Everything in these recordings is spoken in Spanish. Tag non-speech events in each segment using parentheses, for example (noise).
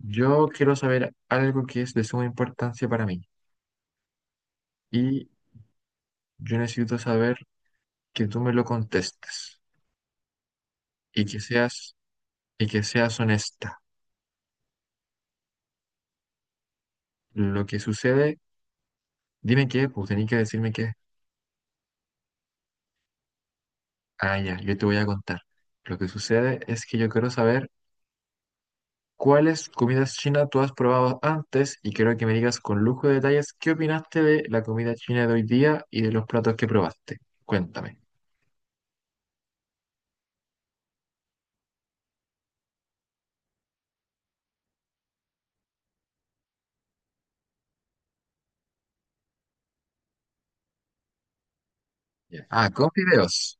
Yo quiero saber algo que es de suma importancia para mí y yo necesito saber que tú me lo contestes y que seas y que seas honesta. Lo que sucede, dime qué, pues tenés que decirme qué. Ah, ya, yo te voy a contar. Lo que sucede es que yo quiero saber cuáles comidas chinas tú has probado antes y quiero que me digas con lujo de detalles qué opinaste de la comida china de hoy día y de los platos que probaste. Cuéntame. Ya. Ah, con fideos.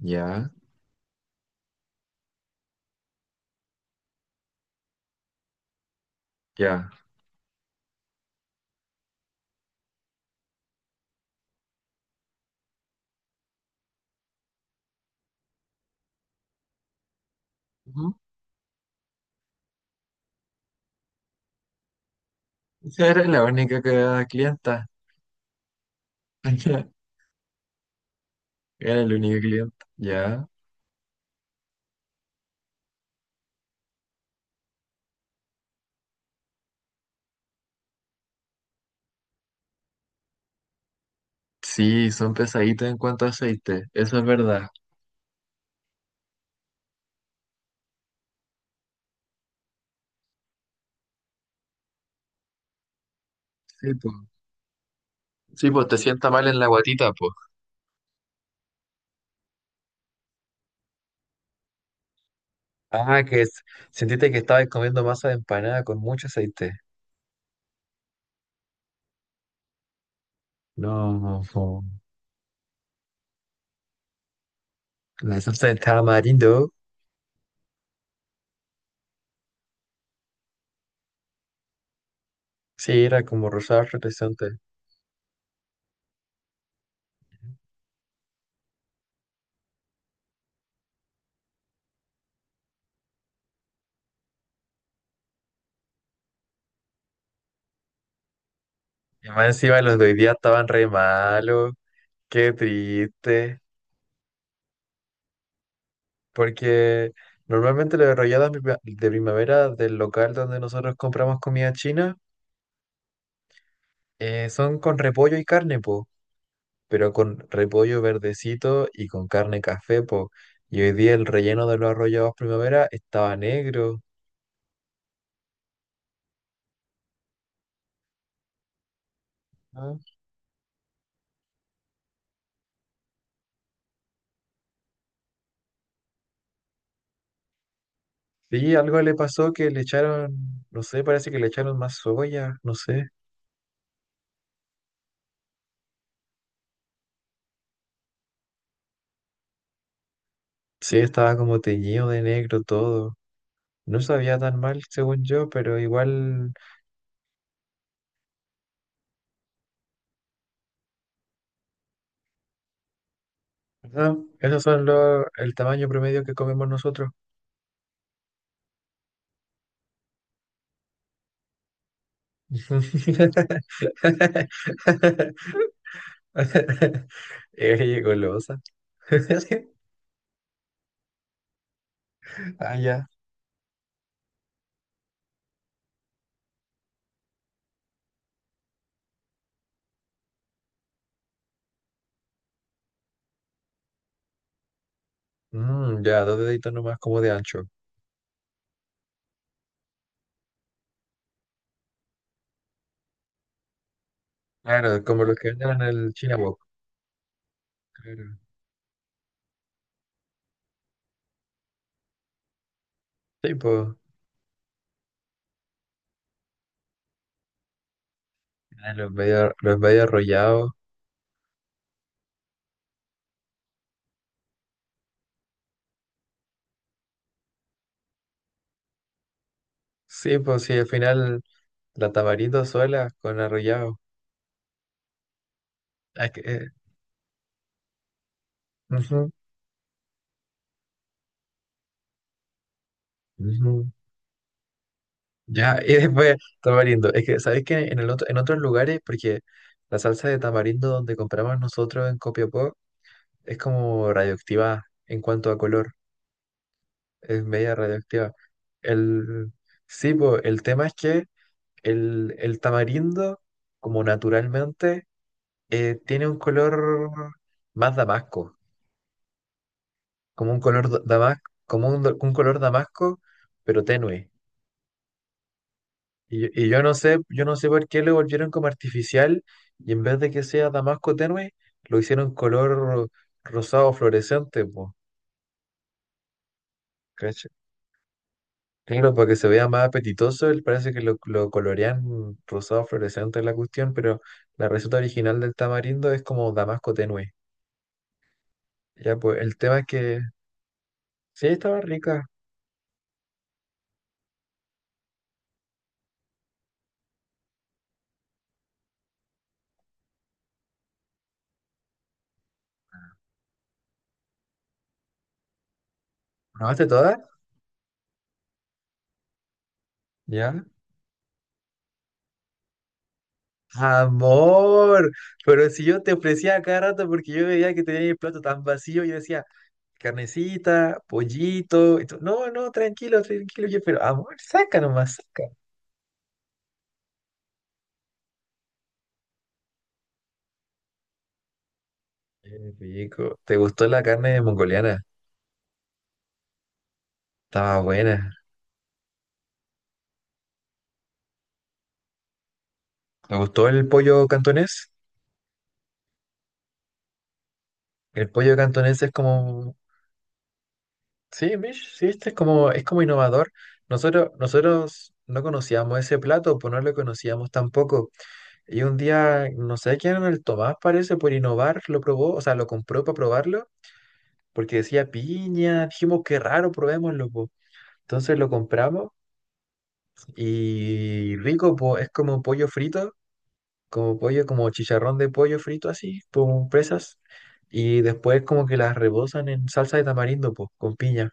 Ya, ya. Esa era la única clienta. (laughs) Era el único cliente. Ya. Sí, son pesaditos en cuanto a aceite. Eso es verdad. Sí, pues. Sí, pues te sienta mal en la guatita, pues. Ah, sentiste que estabas comiendo masa de empanada con mucho aceite. No, no po. La salsa de tamarindo. Sí, era como rosada representante. Y más encima los de hoy día estaban re malos. Qué triste. Porque normalmente las arrolladas de primavera del local donde nosotros compramos comida china son con repollo y carne, po, pero con repollo verdecito y con carne café, po. Y hoy día el relleno de los arrollados primavera estaba negro. ¿Ah? Sí, algo le pasó que le echaron, no sé, parece que le echaron más soya, no sé. Sí, estaba como teñido de negro todo. No sabía tan mal, según yo, pero igual. No, esos son el tamaño promedio que comemos nosotros. (laughs) Ey, golosa. (laughs) Ah, ya. Ya, dos deditos nomás como de ancho. Claro, como los que venden en el China Walk. Claro. Sí, pues. Los medio arrollados. Sí, pues sí, al final la tamarindo sola con arrollado. Ah, es que, ujú, ujú. Ya, y después tamarindo. Es que, sabes que en otros lugares, porque la salsa de tamarindo donde compramos nosotros en Copiapó es como radioactiva en cuanto a color, es media radioactiva. El, sí, po, el tema es que el tamarindo, como naturalmente, tiene un color más damasco, como un color damasco, un color damasco, pero tenue. Y yo no sé por qué lo volvieron como artificial y en vez de que sea damasco tenue, lo hicieron color rosado fluorescente, pues. Claro, para que se vea más apetitoso, él parece que lo colorean rosado fluorescente en la cuestión, pero la receta original del tamarindo es como damasco tenue. Ya, pues el tema es que sí, estaba rica. ¿Probaste todas? ¿Ya? Amor, pero si yo te ofrecía a cada rato porque yo veía que tenía el plato tan vacío, yo decía, carnecita, pollito, y tú, no, no, tranquilo, tranquilo, yo, pero amor, saca nomás, saca. Qué rico. ¿Te gustó la carne mongoliana? Estaba buena. Me gustó el pollo cantonés. El pollo cantonés es como, sí, mish, sí, este es como innovador. Nosotros no conocíamos ese plato, pues no lo conocíamos tampoco. Y un día, no sé quién era el Tomás, parece, por innovar, lo probó, o sea, lo compró para probarlo, porque decía piña, dijimos qué raro, probémoslo, po. Entonces lo compramos y rico, pues es como pollo frito como pollo, como chicharrón de pollo frito así, con presas, y después como que las rebosan en salsa de tamarindo, pues, con piña.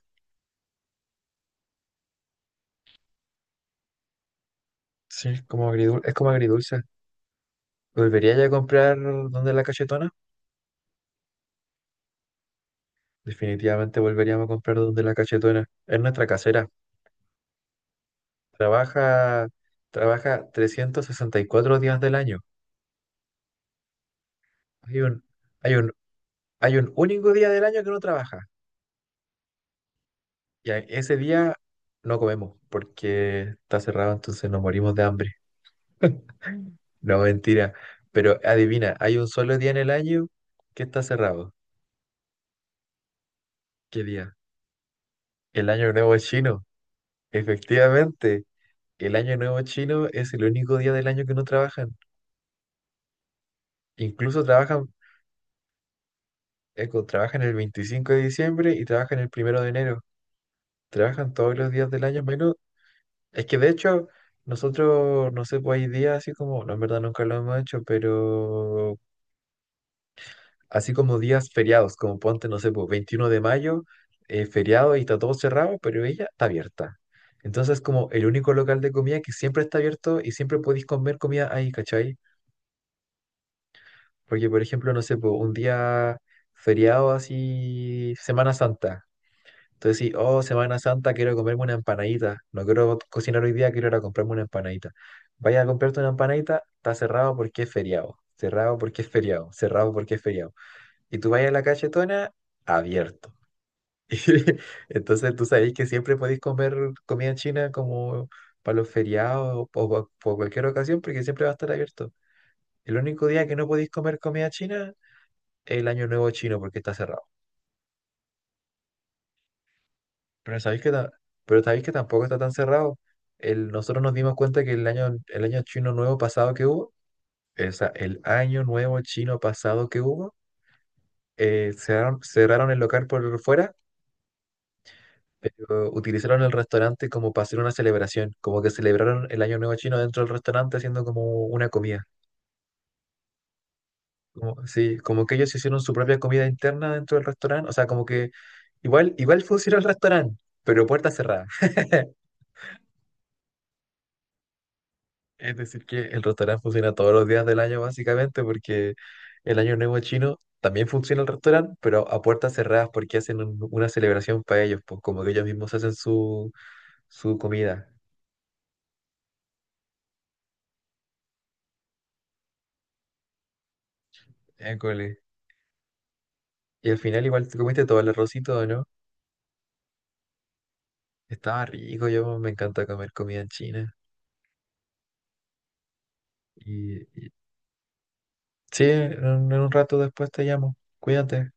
Sí, es como agridulce, es como agridulce. ¿Volvería ya a comprar donde la cachetona? Definitivamente volveríamos a comprar donde la cachetona. Es nuestra casera. Trabaja, trabaja 364 días del año. Hay un, hay un, hay un único día del año que no trabaja. Ese día no comemos porque está cerrado, entonces nos morimos de hambre. No, mentira. Pero adivina, hay un solo día en el año que está cerrado. ¿Qué día? El Año Nuevo Chino. Efectivamente, el Año Nuevo Chino es el único día del año que no trabajan. Incluso trabajan, trabajan el 25 de diciembre y trabajan el 1 de enero. Trabajan todos los días del año menos. Es que de hecho, nosotros, no sé, pues hay días así como, no, en verdad nunca lo hemos hecho, pero así como días feriados, como ponte, no sé, pues 21 de mayo, feriado y está todo cerrado, pero ella está abierta. Entonces, como el único local de comida que siempre está abierto y siempre podéis comer comida ahí, ¿cachai? Porque, por ejemplo, no sé, pues un día feriado así, Semana Santa. Entonces, sí, oh, Semana Santa, quiero comerme una empanadita. No quiero cocinar hoy día, quiero ir a comprarme una empanadita. Vaya a comprarte una empanadita, está cerrado porque es feriado. Cerrado porque es feriado. Cerrado porque es feriado y tú vas a la cachetona abierto. (laughs) Y entonces tú sabéis que siempre podéis comer comida china como para los feriados o por cualquier ocasión porque siempre va a estar abierto. El único día que no podéis comer comida china es el Año Nuevo chino porque está cerrado. Pero sabéis que, ta- pero sabéis que tampoco está tan cerrado. Nosotros nos dimos cuenta que el año chino nuevo pasado que hubo, o sea, el año nuevo chino pasado que hubo, cerraron el local por fuera, pero utilizaron el restaurante como para hacer una celebración, como que celebraron el Año Nuevo Chino dentro del restaurante haciendo como una comida. Como, sí, como que ellos hicieron su propia comida interna dentro del restaurante, o sea, como que igual funciona el restaurante, pero puerta cerrada. (laughs) Es decir, que el restaurante funciona todos los días del año básicamente porque el Año Nuevo Chino también funciona el restaurante, pero a puertas cerradas porque hacen una celebración para ellos, pues como que ellos mismos hacen su comida. École. Y al final igual te comiste todo el arrocito, ¿no? Estaba rico, yo me encanta comer comida en China. Y, y- sí, en un rato después te llamo. Cuídate.